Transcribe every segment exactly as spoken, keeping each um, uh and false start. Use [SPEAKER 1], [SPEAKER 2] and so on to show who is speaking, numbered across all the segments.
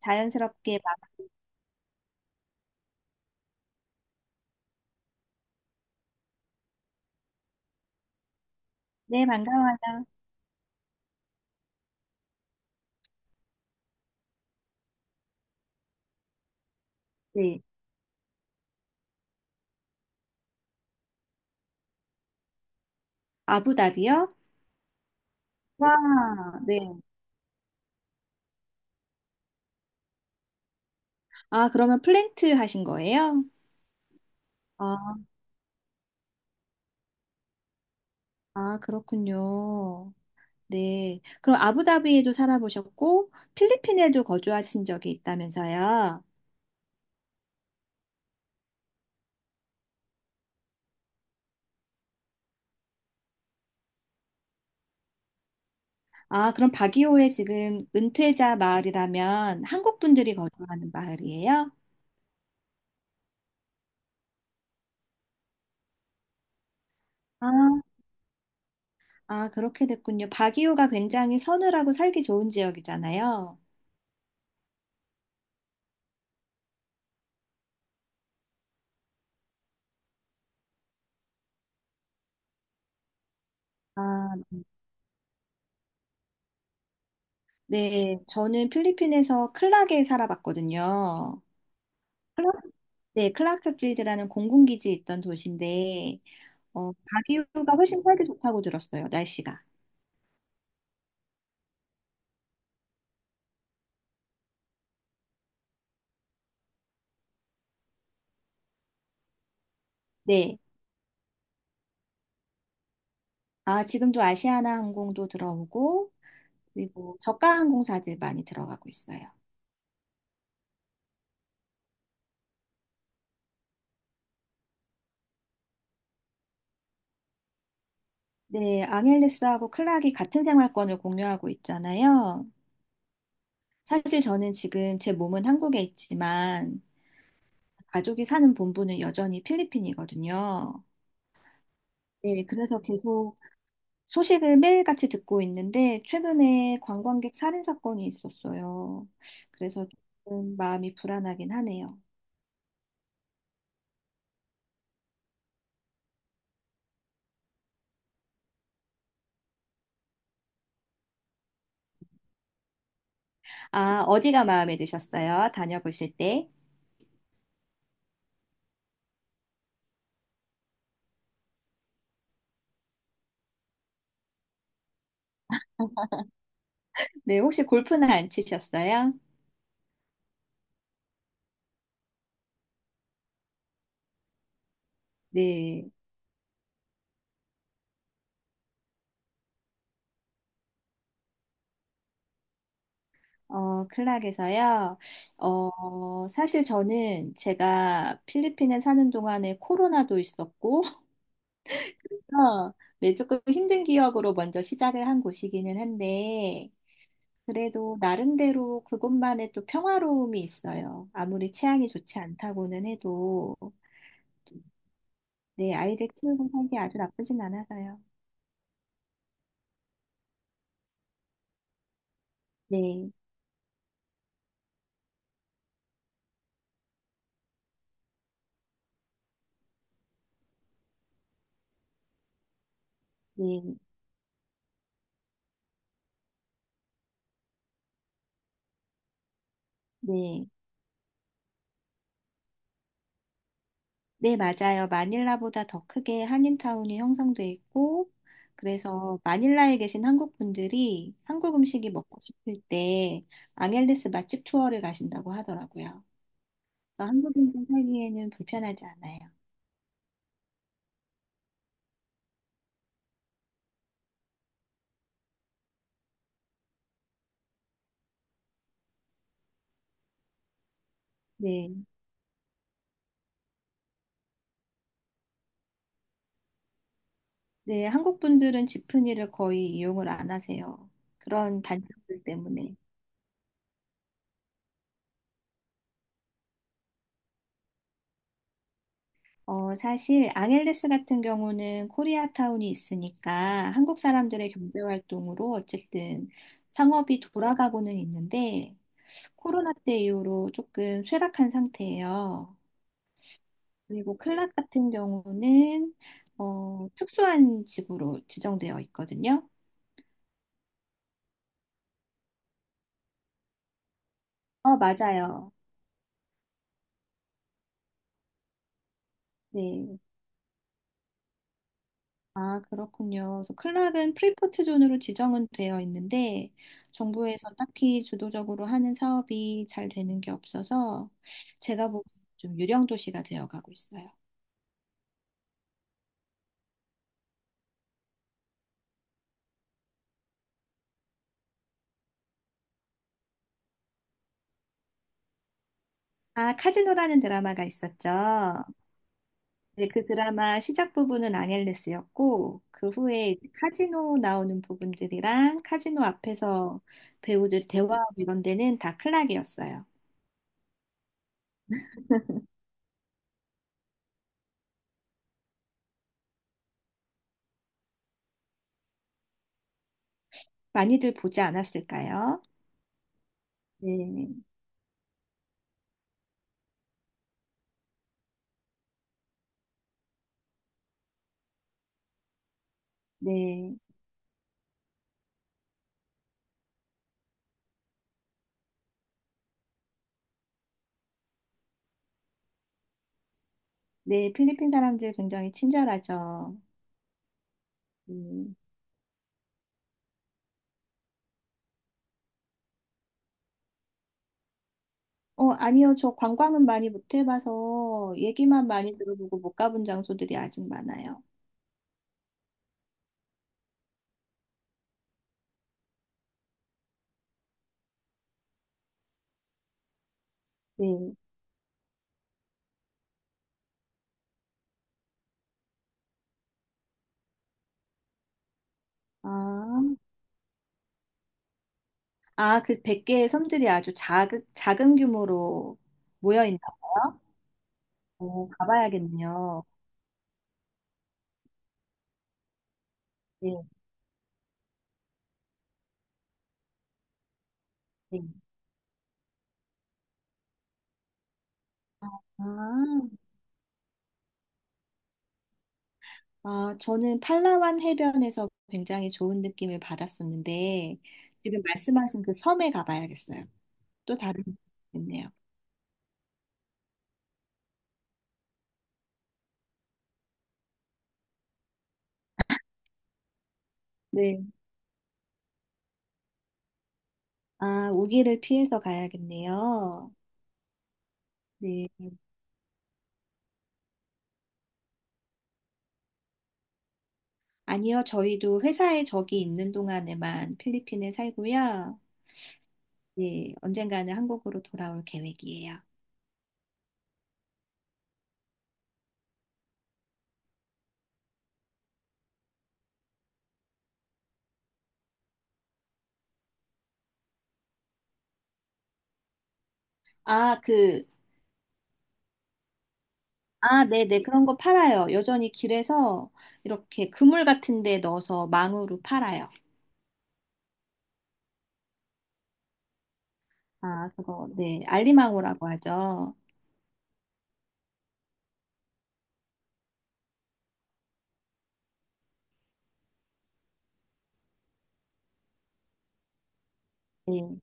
[SPEAKER 1] 자연스럽게 막, 네, 반가워요. 네. 아부다비요? 와, 네. 아, 그러면 플랭트 하신 거예요? 아, 아, 그렇군요. 네. 그럼 아부다비에도 살아보셨고, 필리핀에도 거주하신 적이 있다면서요? 아, 그럼 바기오에 지금 은퇴자 마을이라면 한국 분들이 거주하는 마을이에요? 아, 아, 그렇게 됐군요. 바기오가 굉장히 서늘하고 살기 좋은 지역이잖아요. 아, 네, 저는 필리핀에서 클락에 살아봤거든요. 클 네, 클라크필드라는 공군기지에 있던 도시인데, 어, 바기우가 훨씬 살기 좋다고 들었어요, 날씨가. 네. 아, 지금도 아시아나 항공도 들어오고, 그리고 저가 항공사들 많이 들어가고 있어요. 네, 앙헬레스하고 클락이 같은 생활권을 공유하고 있잖아요. 사실 저는 지금 제 몸은 한국에 있지만, 가족이 사는 본부는 여전히 필리핀이거든요. 네, 그래서 계속 소식을 매일같이 듣고 있는데 최근에 관광객 살인 사건이 있었어요. 그래서 조금 마음이 불안하긴 하네요. 아, 어디가 마음에 드셨어요? 다녀보실 때? 네, 혹시 골프는 안 치셨어요? 네. 어, 클락에서요. 어, 사실 저는 제가 필리핀에 사는 동안에 코로나도 있었고, 그래서 네, 조금 힘든 기억으로 먼저 시작을 한 곳이기는 한데, 그래도 나름대로 그것만의 또 평화로움이 있어요. 아무리 취향이 좋지 않다고는 해도, 네, 아이들 키우고 살기 아주 나쁘진 않아서요. 네, 네, 네. 네, 맞아요. 마닐라보다 더 크게 한인타운이 형성돼 있고, 그래서 마닐라에 계신 한국 분들이 한국 음식이 먹고 싶을 때 앙헬레스 맛집 투어를 가신다고 하더라고요. 그래서 한국인들 살기에는 불편하지 않아요. 네. 네, 한국 분들은 지프니를 거의 이용을 안 하세요. 그런 단점들 때문에. 어, 사실 앙헬레스 같은 경우는 코리아타운이 있으니까 한국 사람들의 경제 활동으로 어쨌든 상업이 돌아가고는 있는데 코로나 때 이후로 조금 쇠락한 상태예요. 그리고 클락 같은 경우는 어, 특수한 집으로 지정되어 있거든요. 어, 맞아요. 네. 아, 그렇군요. 그래서 클락은 프리포트 존으로 지정은 되어 있는데 정부에서 딱히 주도적으로 하는 사업이 잘 되는 게 없어서 제가 보기엔 좀 유령 도시가 되어 가고 있어요. 아, 카지노라는 드라마가 있었죠. 네, 그 드라마 시작 부분은 앙헬레스였고 그 후에 이제 카지노 나오는 부분들이랑 카지노 앞에서 배우들 대화하고 이런 데는 다 클락이었어요. 많이들 보지 않았을까요? 네, 네. 네, 필리핀 사람들 굉장히 친절하죠. 음. 어, 아니요. 저 관광은 많이 못 해봐서 얘기만 많이 들어보고 못 가본 장소들이 아직 많아요. 네. 아, 아, 그 백 개의 섬들이 아주 작은, 작은 규모로 모여 있나 봐요? 오, 가봐야겠네요. 네, 네. 아, 아, 저는 팔라완 해변에서 굉장히 좋은 느낌을 받았었는데, 지금 말씀하신 그 섬에 가봐야겠어요. 또 다른 느낌이네요. 네. 아, 우기를 피해서 가야겠네요. 네. 아니요, 저희도 회사에 적이 있는 동안에만 필리핀에 살고요. 네, 언젠가는 한국으로 돌아올 계획이에요. 아, 그, 아, 네네, 그런 거 팔아요. 여전히 길에서 이렇게 그물 같은 데 넣어서 망으로 팔아요. 아, 그거, 네, 알리망우라고 하죠. 네.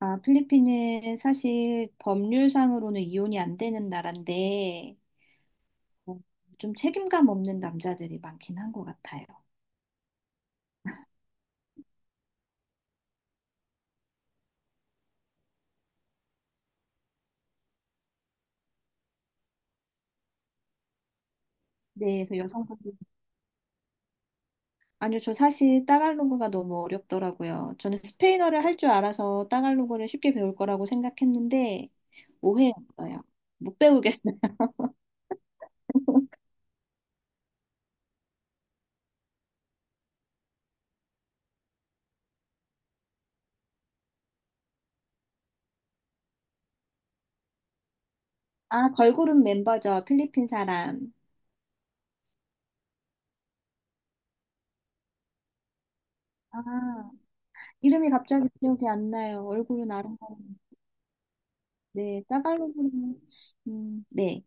[SPEAKER 1] 아, 필리핀은 사실 법률상으로는 이혼이 안 되는 나라인데, 어, 좀 책임감 없는 남자들이 많긴 한 것 같아요. 네, 그래서 여성분들. 아니요, 저 사실 따갈로그가 너무 어렵더라고요. 저는 스페인어를 할 줄 알아서 따갈로그를 쉽게 배울 거라고 생각했는데 오해였어요. 못 배우겠어요. 아, 걸그룹 멤버죠. 필리핀 사람. 아, 이름이 갑자기 기억이 안 나요. 얼굴은 아름다운데. 네, 따갈로그는 음, 네.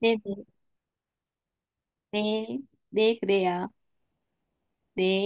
[SPEAKER 1] 네, 네, 네. 네, 그래요. 네.